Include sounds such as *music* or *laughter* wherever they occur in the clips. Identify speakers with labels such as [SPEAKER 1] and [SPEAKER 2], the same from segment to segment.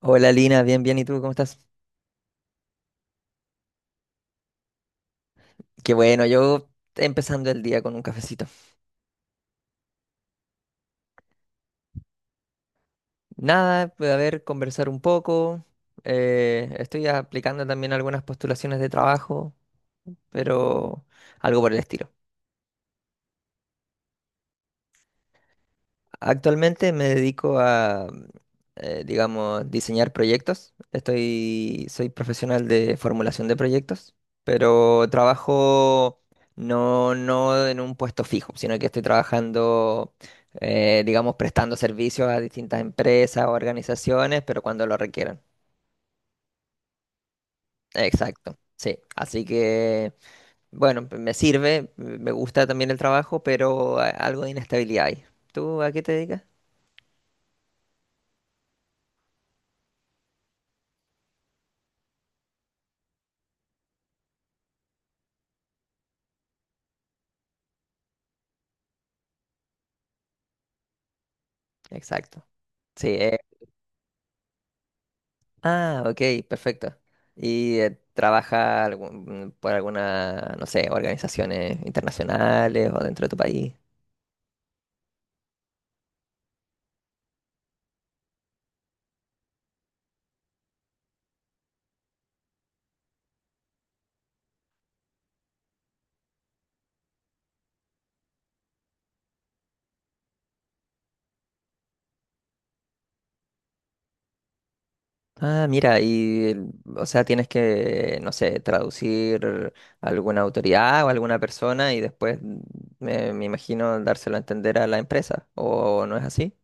[SPEAKER 1] Hola Lina, bien, bien, ¿y tú cómo estás? Qué bueno, yo empezando el día con un cafecito. Nada, pues, a ver, conversar un poco. Estoy aplicando también algunas postulaciones de trabajo, pero algo por el estilo. Actualmente me dedico a, digamos, diseñar proyectos. Soy profesional de formulación de proyectos, pero trabajo no, no en un puesto fijo, sino que estoy trabajando, digamos, prestando servicios a distintas empresas o organizaciones, pero cuando lo requieran. Exacto, sí. Así que, bueno, me sirve, me gusta también el trabajo, pero algo de inestabilidad hay. ¿Tú a qué te dedicas? Exacto. Sí, ah, ok, perfecto. ¿Y trabaja por alguna, no sé, organizaciones internacionales o dentro de tu país? Ah, mira, o sea, tienes que, no sé, traducir a alguna autoridad o alguna persona y después, me, me imagino, dárselo a entender a la empresa, ¿o no es así?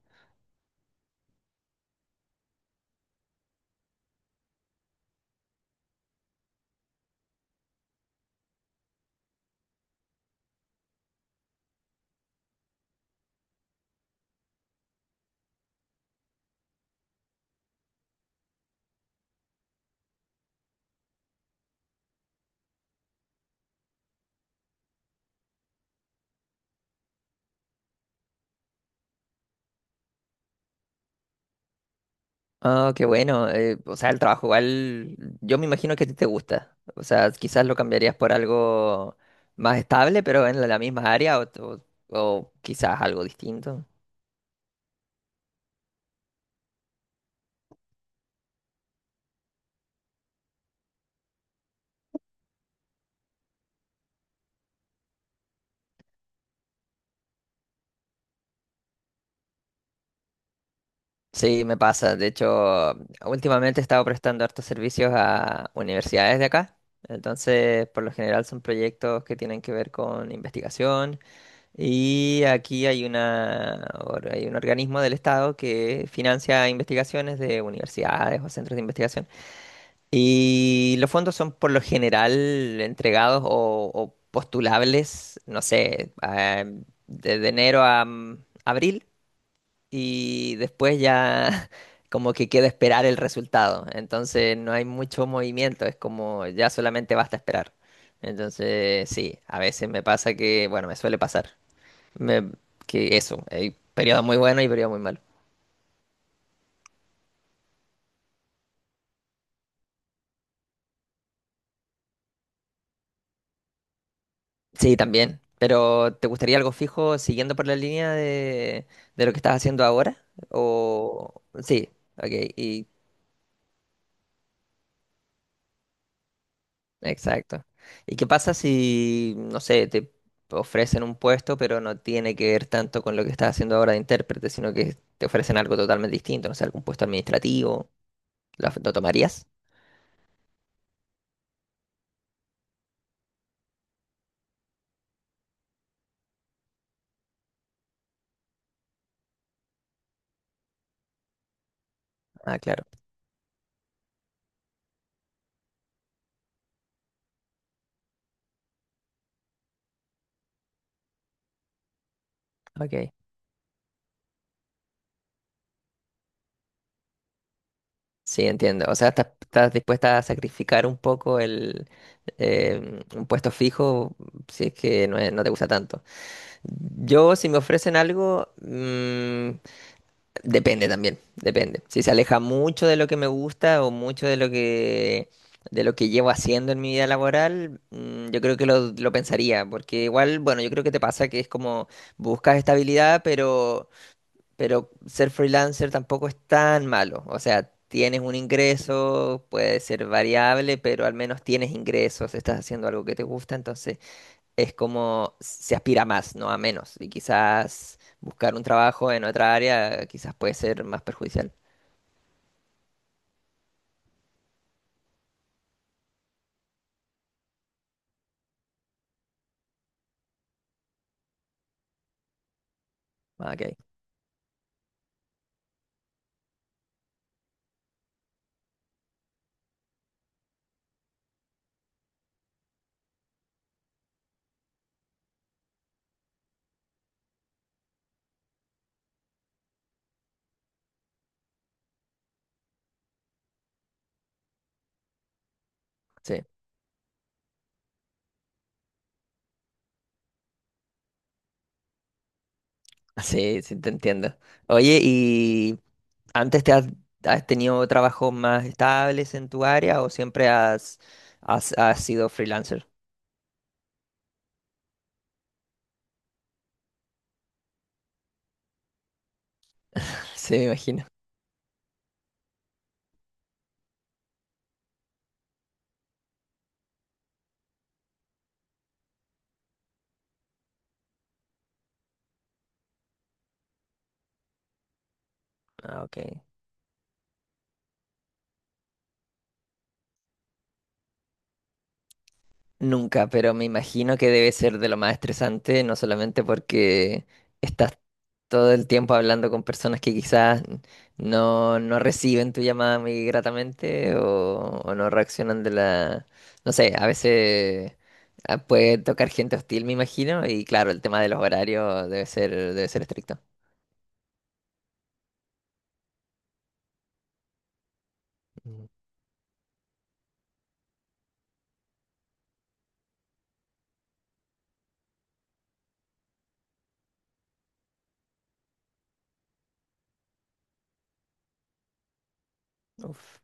[SPEAKER 1] Oh, qué bueno. O sea, el trabajo igual, yo me imagino que a ti te gusta. O sea, quizás lo cambiarías por algo más estable, pero en la misma área o quizás algo distinto. Sí, me pasa. De hecho, últimamente he estado prestando hartos servicios a universidades de acá. Entonces, por lo general son proyectos que tienen que ver con investigación. Y aquí hay hay un organismo del Estado que financia investigaciones de universidades o centros de investigación. Y los fondos son por lo general entregados o postulables, no sé, desde enero a abril y después ya *laughs* como que queda esperar el resultado. Entonces no hay mucho movimiento, es como ya solamente basta esperar. Entonces sí, a veces me pasa que, bueno, me suele pasar me- que eso, hay periodos muy buenos y periodos muy malos. Sí, también. Pero ¿te gustaría algo fijo siguiendo por la línea de lo que estás haciendo ahora? O sí, ok, y exacto. ¿Y qué pasa si, no sé, te ofrecen un puesto, pero no tiene que ver tanto con lo que estás haciendo ahora de intérprete, sino que te ofrecen algo totalmente distinto, no sé, algún puesto administrativo? Lo tomarías? Ah, claro. Ok. Sí, entiendo. O sea, estás, estás dispuesta a sacrificar un poco el, un puesto fijo si es que no te gusta tanto. Yo, si me ofrecen algo, depende también, depende. Si se aleja mucho de lo que me gusta o mucho de lo que llevo haciendo en mi vida laboral, yo creo que lo pensaría, porque igual, bueno, yo creo que te pasa que es como buscas estabilidad, pero ser freelancer tampoco es tan malo. O sea, tienes un ingreso, puede ser variable, pero al menos tienes ingresos, estás haciendo algo que te gusta, entonces es como se aspira a más, no a menos. Y quizás buscar un trabajo en otra área quizás puede ser más perjudicial. Ah, ok, sí, *laughs* sí, sí, te entiendo. Oye, ¿y antes te has, has tenido trabajos más estables en tu área o siempre has, has sido freelancer? *laughs* Sí, me imagino. Ah, ok. Nunca, pero me imagino que debe ser de lo más estresante, no solamente porque estás todo el tiempo hablando con personas que quizás no, no reciben tu llamada muy gratamente o no reaccionan de la... No sé, a veces puede tocar gente hostil, me imagino, y claro, el tema de los horarios debe ser estricto. Mm. Uf.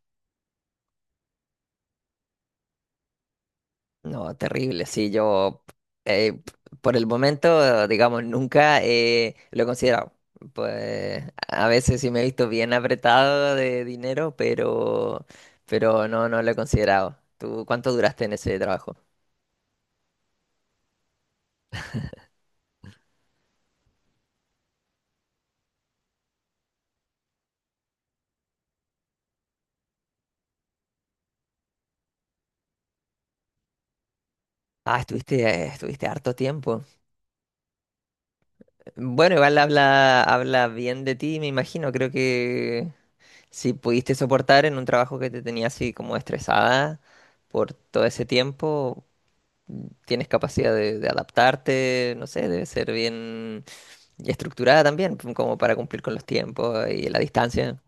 [SPEAKER 1] No, terrible, sí, yo eh, por el momento, digamos, nunca lo he considerado. Pues a veces sí me he visto bien apretado de dinero, pero no, no lo he considerado. ¿Tú cuánto duraste en ese trabajo? Ah, estuviste, estuviste harto tiempo. Bueno, igual habla, habla bien de ti, me imagino. Creo que si pudiste soportar en un trabajo que te tenía así como estresada por todo ese tiempo, tienes capacidad de adaptarte, no sé, debe ser bien estructurada también, como para cumplir con los tiempos y la distancia.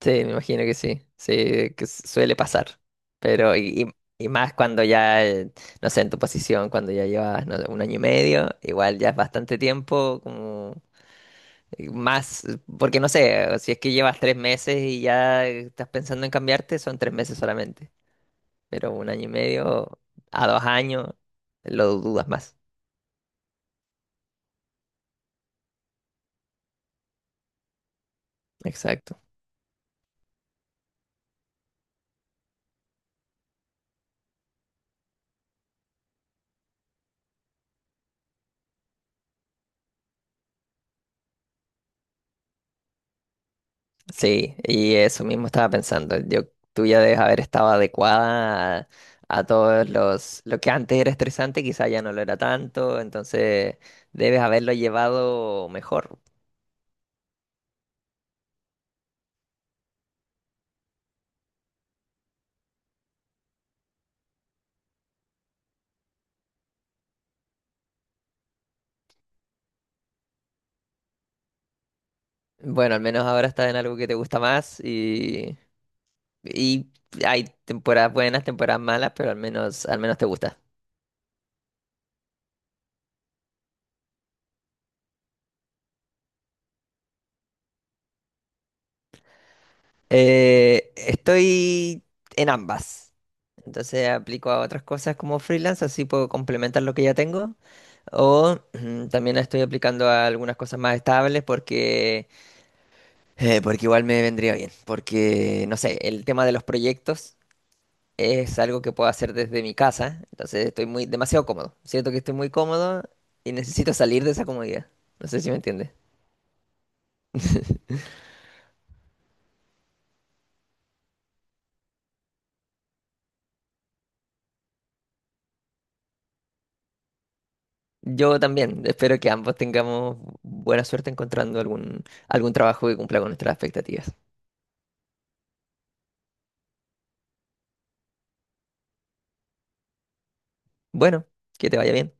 [SPEAKER 1] Sí, me imagino que sí, sí, que suele pasar. Pero, y más cuando ya, no sé, en tu posición, cuando ya llevas, no sé, 1 año y medio, igual ya es bastante tiempo, como más, porque no sé, si es que llevas 3 meses y ya estás pensando en cambiarte, son 3 meses solamente. Pero 1 año y medio a 2 años, lo dudas más. Exacto. Sí, y eso mismo estaba pensando. Yo, tú ya debes haber estado adecuada a todos los... Lo que antes era estresante, quizá ya no lo era tanto, entonces debes haberlo llevado mejor. Bueno, al menos ahora estás en algo que te gusta más y hay temporadas buenas, temporadas malas, pero al menos te gusta. Estoy en ambas. Entonces aplico a otras cosas como freelance, así puedo complementar lo que ya tengo. O también estoy aplicando a algunas cosas más estables porque, porque igual me vendría bien. Porque, no sé, el tema de los proyectos es algo que puedo hacer desde mi casa. Entonces estoy muy, demasiado cómodo. Siento que estoy muy cómodo y necesito salir de esa comodidad. No sé si me entiendes. Yo también espero que ambos tengamos buena suerte encontrando algún, algún trabajo que cumpla con nuestras expectativas. Bueno, que te vaya bien.